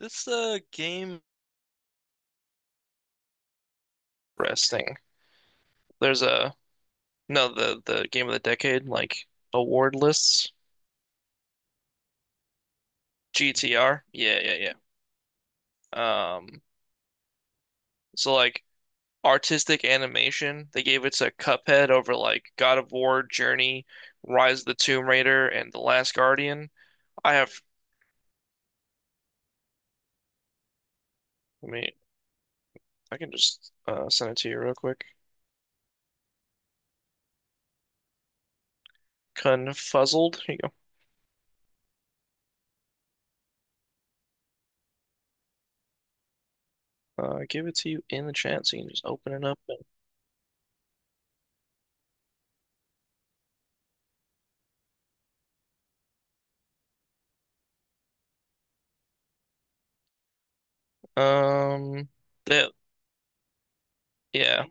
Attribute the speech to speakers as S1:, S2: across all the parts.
S1: This game resting. There's a No, the game of the decade, like award lists. GTR. Yeah, yeah, yeah. So like artistic animation, they gave it to Cuphead over like God of War, Journey, Rise of the Tomb Raider, and The Last Guardian. I have I mean I can just send it to you real quick. Confuzzled. Here you go. Give it to you in the chat so you can just open it up and um that yeah.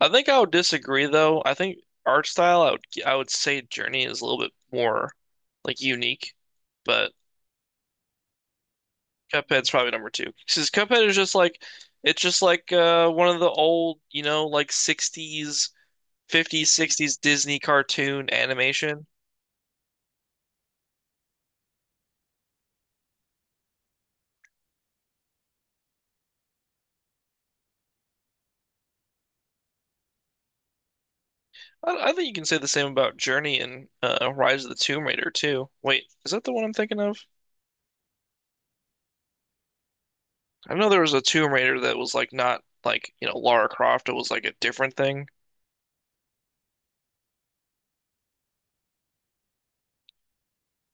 S1: I think I would disagree though. I think art style, I would say Journey is a little bit more like unique, but Cuphead's probably number two. Because Cuphead is just like it's just like one of the old, you know, like 60s, 50s, 60s Disney cartoon animation. I think you can say the same about Journey and Rise of the Tomb Raider too. Wait, is that the one I'm thinking of? I know there was a Tomb Raider that was like not like, you know, Lara Croft. It was like a different thing.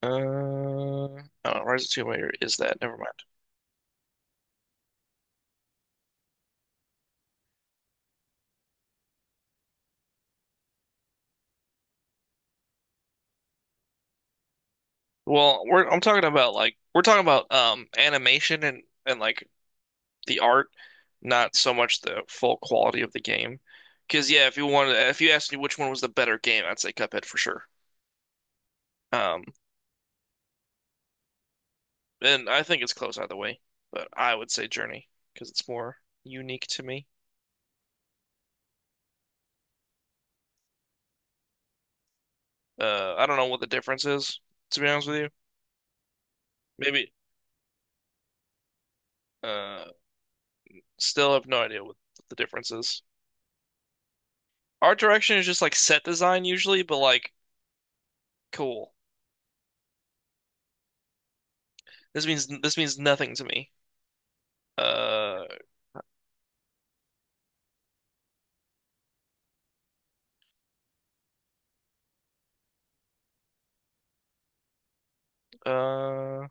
S1: Oh, Rise of Tomb Raider is that? Never mind. Well, we're I'm talking about like we're talking about animation and like the art, not so much the full quality of the game. Because yeah, if you asked me which one was the better game, I'd say Cuphead for sure. Um, and I think it's close either way, but I would say Journey because it's more unique to me. I don't know what the difference is, to be honest with you. Maybe. Uh, still have no idea what the difference is. Art direction is just like set design usually, but like cool. This means nothing to me. Uh, uh,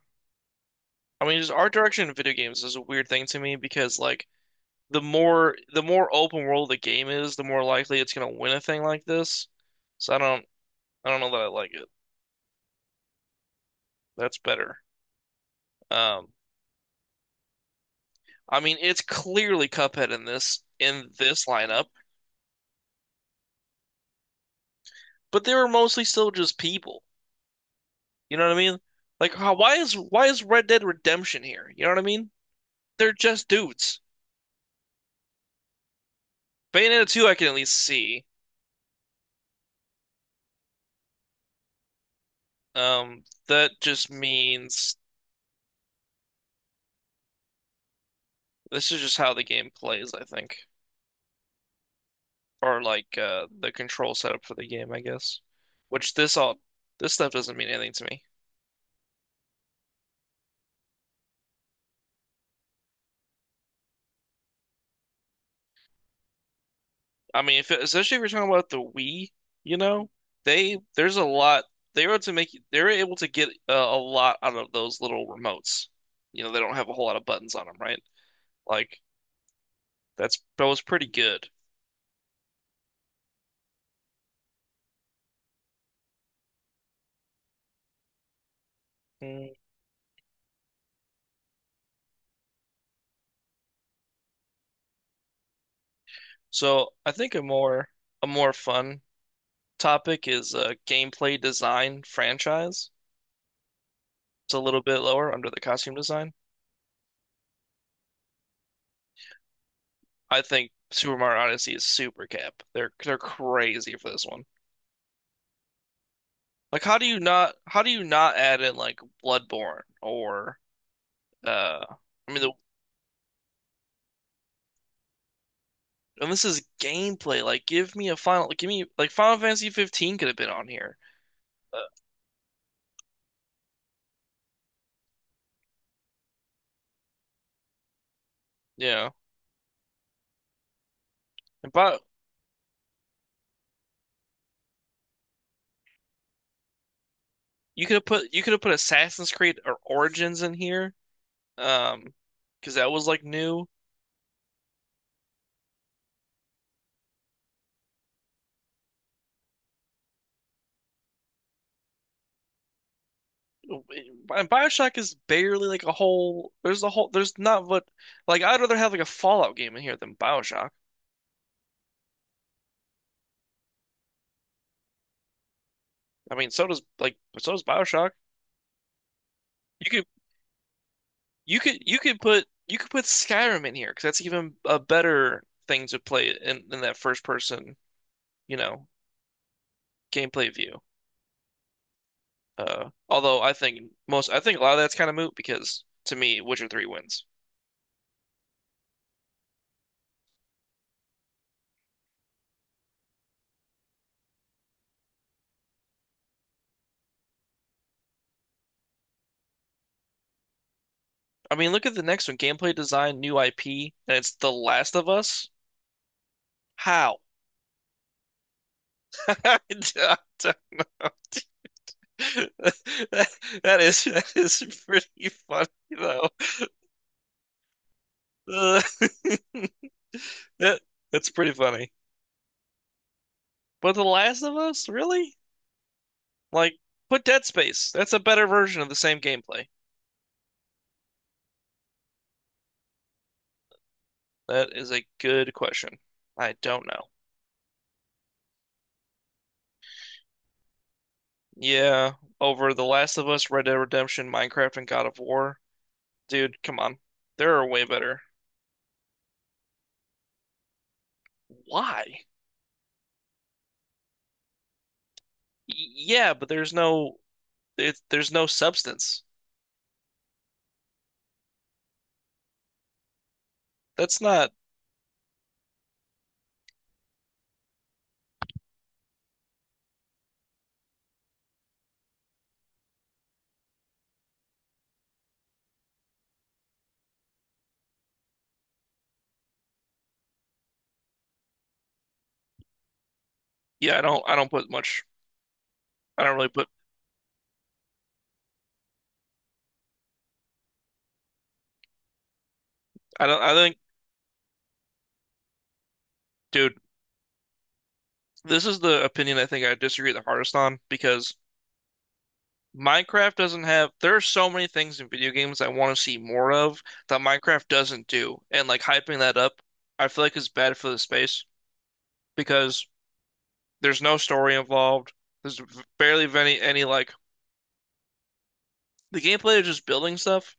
S1: I mean, just art direction in video games is a weird thing to me because like the more open world the game is, the more likely it's gonna win a thing like this. So I don't know that I like it. That's better. Um, I mean, it's clearly Cuphead in this lineup, but they were mostly still just people. You know what I mean? Like, why is Red Dead Redemption here? You know what I mean? They're just dudes. Bayonetta 2, I can at least see. That just means this is just how the game plays, I think. Or like the control setup for the game, I guess. Which this all this stuff doesn't mean anything to me. I mean, if it, especially if you're talking about the Wii, you know, they there's a lot they were able to get a lot out of those little remotes. You know, they don't have a whole lot of buttons on them, right? Like that was pretty good. Mm. So I think a more fun topic is gameplay design franchise. It's a little bit lower under the costume design. I think Super Mario Odyssey is super cap. They're crazy for this one. Like, how do you not add in like Bloodborne or uh I mean the and this is gameplay. Like, give me like Final Fantasy 15 could have been on here. Uh, yeah, and but you could have put Assassin's Creed or Origins in here. Um, because that was like new. And BioShock is barely like a whole. There's a whole. There's not what. Like I'd rather have like a Fallout game in here than BioShock. I mean, so does BioShock. You could you could put Skyrim in here because that's even a better thing to play in that first person, you know, gameplay view. Although I think a lot of that's kind of moot because to me, Witcher 3 wins. I mean, look at the next one. Gameplay design, new IP, and it's The Last of Us. How? I don't know. That that is pretty funny though. Uh, that, that's pretty funny. But The Last of Us, really? Like, put Dead Space. That's a better version of the same gameplay. That is a good question. I don't know. Yeah, over The Last of Us, Red Dead Redemption, Minecraft, and God of War. Dude, come on. There are way better. Why? Yeah, but there's no substance. That's not. Yeah, I don't put much. I don't really put. I don't. Dude. This is the opinion I think I disagree the hardest on because Minecraft doesn't have, there are so many things in video games I want to see more of that Minecraft doesn't do. And like hyping that up, I feel like is bad for the space because there's no story involved. There's barely any like, the gameplay is just building stuff.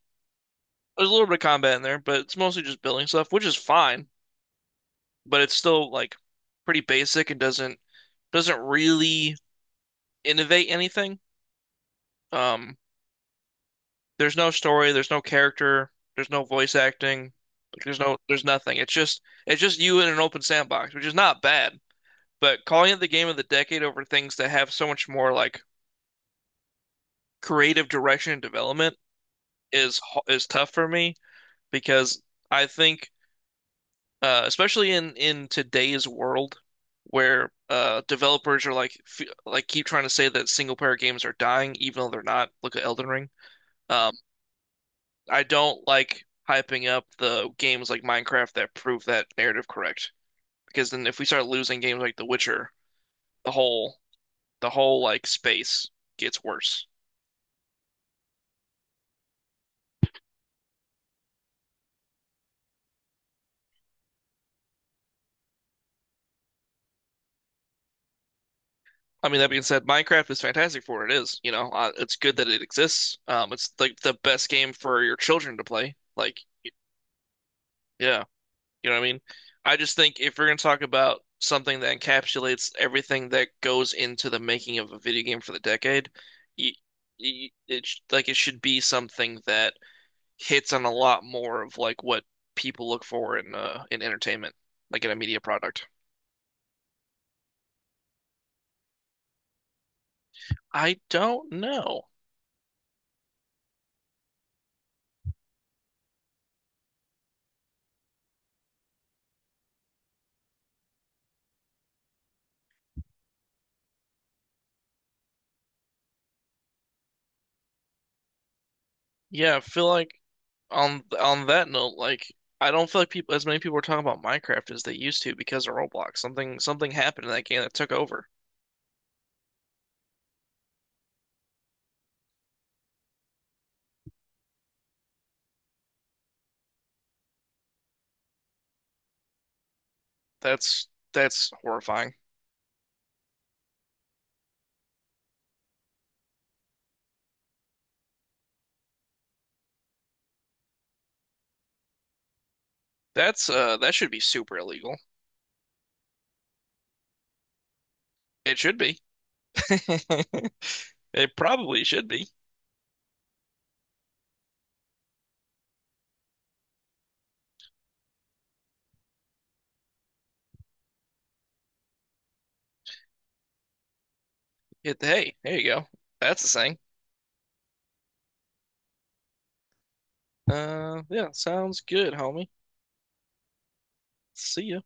S1: There's a little bit of combat in there, but it's mostly just building stuff, which is fine, but it's still like pretty basic and doesn't really innovate anything. Um, There's no story, there's no character, there's no voice acting, like there's nothing. It's just you in an open sandbox, which is not bad. But calling it the game of the decade over things that have so much more like creative direction and development is tough for me because I think especially in today's world where developers are like f like keep trying to say that single player games are dying even though they're not. Look at Elden Ring. Um, I don't like hyping up the games like Minecraft that prove that narrative correct. Because then if we start losing games like The Witcher, the whole the whole like space gets worse. I mean, that being said, Minecraft is fantastic for what it is. You know, it's good that it exists. It's like the best game for your children to play. Like, yeah, you know what I mean? I just think if we're gonna talk about something that encapsulates everything that goes into the making of a video game for the decade, you, you, it sh- like it should be something that hits on a lot more of like what people look for in entertainment, like in a media product. I don't know. Yeah, I feel like on that note, like I don't feel like people as many people are talking about Minecraft as they used to because of Roblox. Something happened in that game that took over. That's that's horrifying. That's that should be super illegal. It should be. It probably should be. Hey, there you go. That's the thing. Yeah, sounds good, homie. See ya.